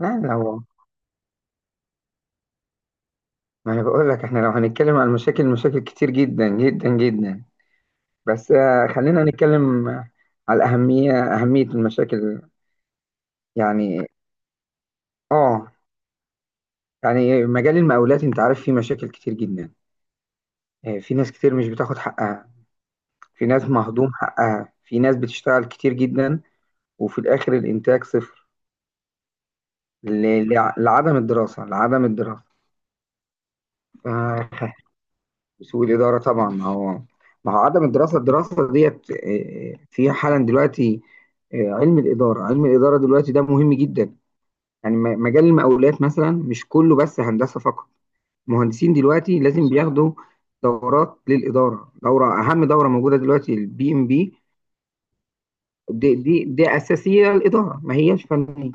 لا لو. ما انا بقول لك احنا لو هنتكلم عن المشاكل مشاكل كتير جدا جدا جدا. بس خلينا نتكلم على الأهمية أهمية المشاكل. يعني اه يعني مجال المقاولات انت عارف فيه مشاكل كتير جدا. في ناس كتير مش بتاخد حقها، في ناس مهضوم حقها، في ناس بتشتغل كتير جدا وفي الآخر الإنتاج صفر. لعدم الدراسة، الدراسة سوء الإدارة طبعا. ما هو ما هو عدم الدراسة. الدراسة ديت في حالا دلوقتي. علم الإدارة، علم الإدارة دلوقتي ده مهم جدا. يعني مجال المقاولات مثلا مش كله بس هندسة فقط. مهندسين دلوقتي لازم بياخدوا دورات للإدارة. دورة أهم دورة موجودة دلوقتي البي إم بي. دي أساسية للإدارة، ما هياش فنية.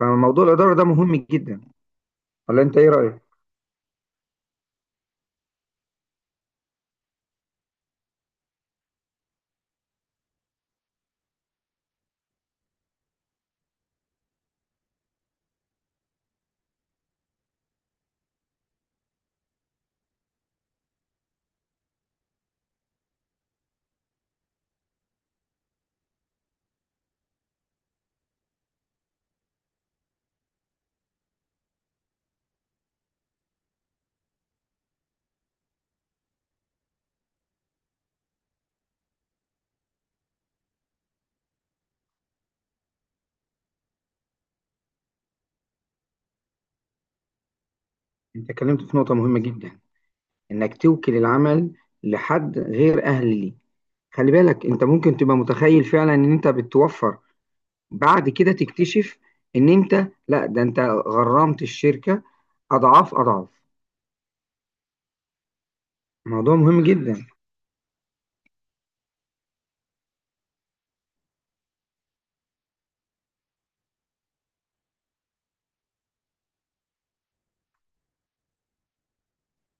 فموضوع الإدارة ده مهم جدا. ولا أنت إيه رأيك؟ أنت اتكلمت في نقطة مهمة جدا. إنك توكل العمل لحد غير أهل ليه. خلي بالك انت ممكن تبقى متخيل فعلا ان انت بتوفر، بعد كده تكتشف ان انت، لا ده انت غرمت الشركة اضعاف اضعاف. موضوع مهم جدا.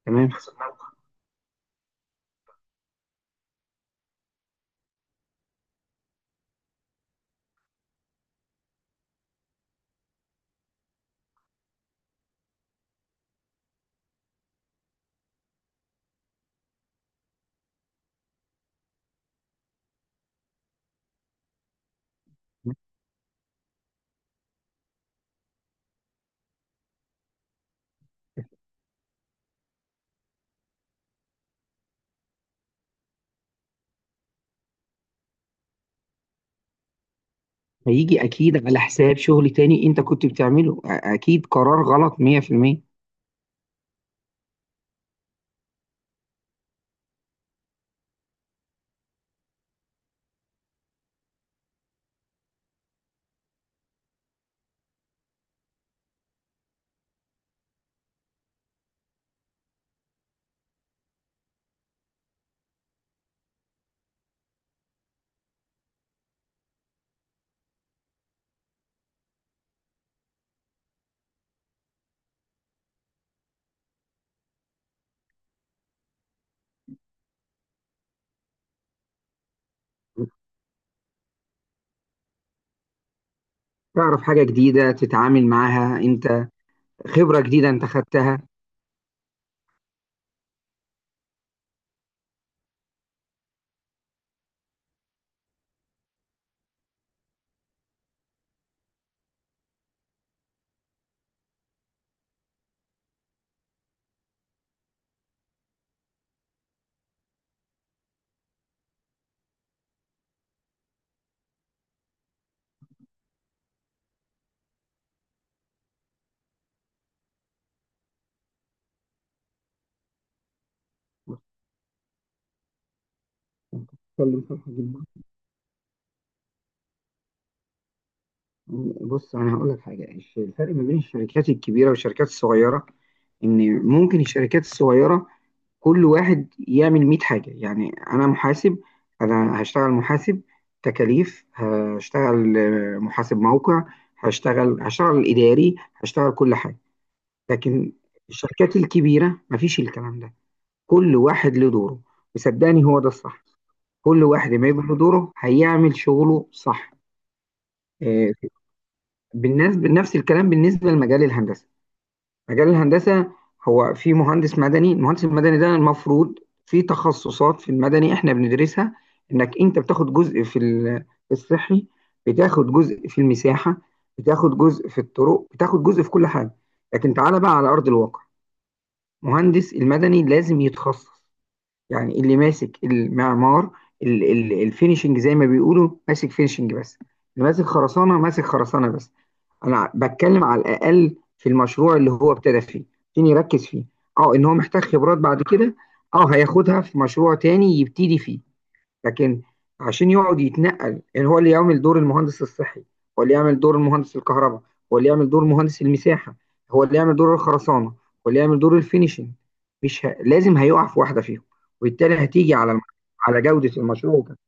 تمام. هيجي اكيد على حساب شغل تاني انت كنت بتعمله. اكيد قرار غلط 100%. تعرف حاجة جديدة تتعامل معاها انت. خبرة جديدة انت خدتها. اتكلم صح جدا. بص انا هقول لك حاجة، الفرق ما بين الشركات الكبيرة والشركات الصغيرة ان ممكن الشركات الصغيرة كل واحد يعمل 100 حاجة. يعني أنا محاسب، أنا هشتغل محاسب تكاليف، هشتغل محاسب موقع، هشتغل إداري، هشتغل كل حاجة. لكن الشركات الكبيرة مفيش الكلام ده، كل واحد له دوره. وصدقني هو ده الصح. كل واحد ما يبقى له دوره هيعمل شغله صح. آه، بالنسبة، نفس الكلام بالنسبة لمجال الهندسة. مجال الهندسة هو في مهندس مدني، المهندس المدني ده المفروض في تخصصات في المدني احنا بندرسها، انك انت بتاخد جزء في في الصحي، بتاخد جزء في المساحة، بتاخد جزء في الطرق، بتاخد جزء في كل حاجة. لكن تعالى بقى على أرض الواقع، مهندس المدني لازم يتخصص. يعني اللي ماسك المعمار، الفينيشنج زي ما بيقولوا ماسك فينيشنج بس، اللي ماسك خرسانه ماسك خرسانه بس. انا بتكلم على الاقل في المشروع اللي هو ابتدى فيه عشان يركز فيه. اه ان هو محتاج خبرات بعد كده، اه هياخدها في مشروع تاني يبتدي فيه. لكن عشان يقعد يتنقل يعني هو اللي يعمل دور المهندس الصحي، هو اللي يعمل دور المهندس الكهرباء، هو اللي يعمل دور مهندس المساحة، هو اللي يعمل دور الخرسانة، هو اللي يعمل دور الفينيشنج، مش ه... لازم هيقع في واحدة فيهم، وبالتالي على جودة المشروع كده.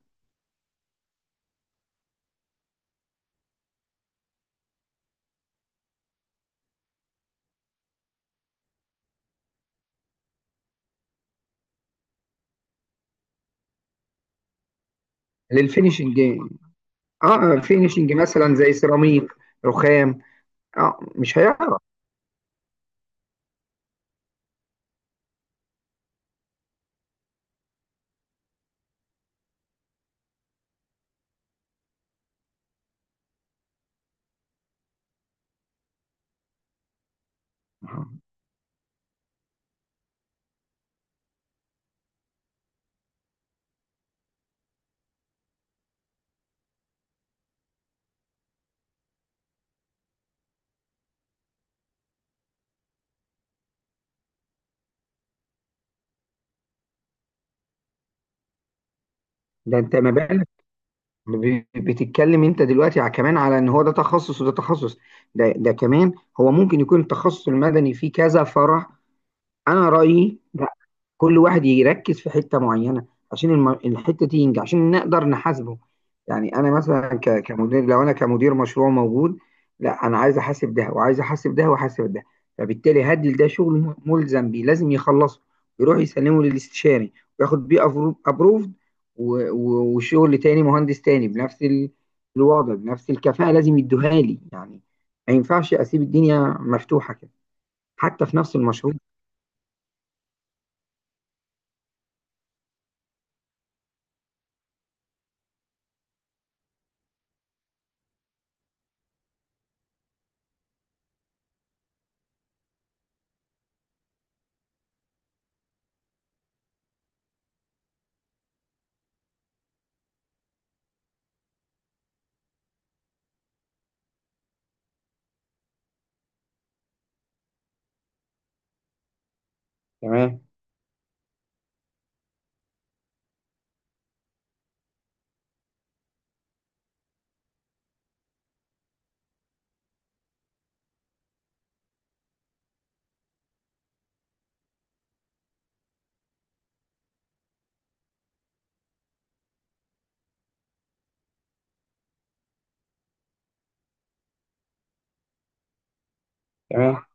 للفينيشنج. اه فينيشنج مثلا زي سيراميك، رخام. اه مش هيعرف. ده انت مبالغ. بتتكلم انت دلوقتي كمان على ان هو ده تخصص وده تخصص. ده كمان هو ممكن يكون التخصص المدني فيه كذا فرع. انا رأيي كل واحد يركز في حتة معينة، عشان الحتة دي ينجح عشان نقدر نحاسبه. يعني أنا مثلا كمدير، لو أنا كمدير مشروع موجود، لا أنا عايز أحاسب ده وعايز أحاسب ده وأحاسب ده. فبالتالي هدي لده شغل ملزم بيه لازم يخلصه، يروح يسلمه للاستشاري وياخد بيه أبروفد. وشغل تاني مهندس تاني بنفس الوضع بنفس الكفاءة لازم يدوها لي يعني. ما ينفعش أسيب الدنيا مفتوحة كده حتى في نفس المشروع. تمام تمام.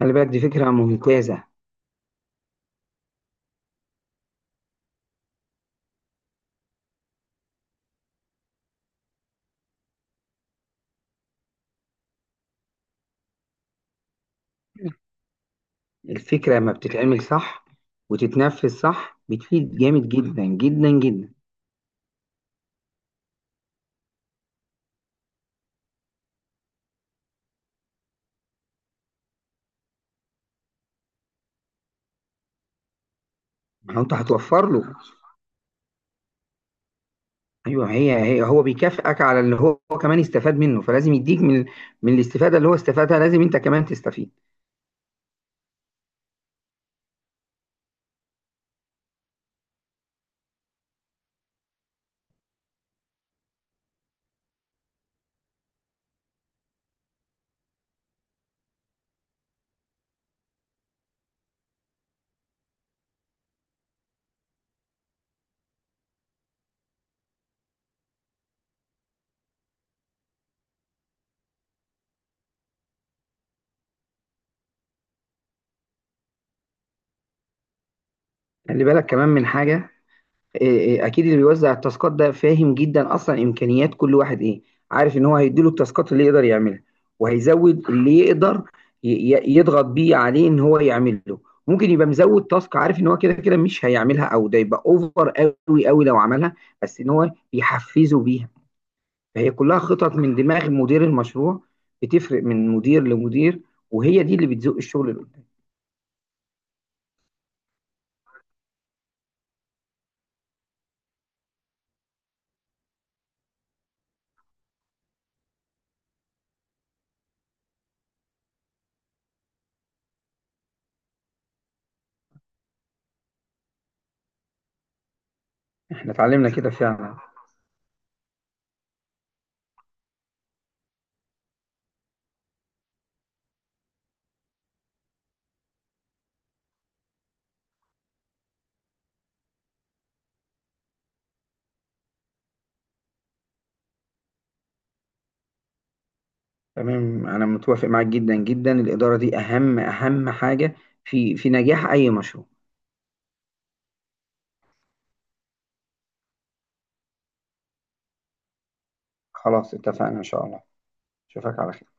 خلي بالك دي فكرة ممتازة. الفكرة لما بتتعمل صح وتتنفذ صح بتفيد جامد جدا جدا جدا. ما هو انت هتوفر له. ايوه هي هو بيكافئك على اللي هو هو كمان استفاد منه، فلازم يديك من، من الاستفادة اللي هو استفادها لازم انت كمان تستفيد. خلي بالك كمان من حاجة. إيه- اكيد اللي بيوزع التاسكات ده فاهم جدا اصلا امكانيات كل واحد ايه، عارف ان هو هيديله التاسكات اللي يقدر يعملها، وهيزود اللي يقدر ي- يضغط بيه عليه ان هو يعمله. ممكن يبقى مزود تاسك عارف ان هو كده كده مش هيعملها او ده يبقى اوفر قوي قوي لو عملها، بس ان هو بيحفزه بيها. فهي كلها خطط من دماغ مدير المشروع، بتفرق من مدير لمدير، وهي دي اللي بتزق الشغل اللي قدام. احنا اتعلمنا كده فعلا. تمام انا متوافق معاك جدا جدا، الاداره دي اهم اهم حاجه في في نجاح اي مشروع. خلاص اتفقنا ان شاء الله. اشوفك على خير.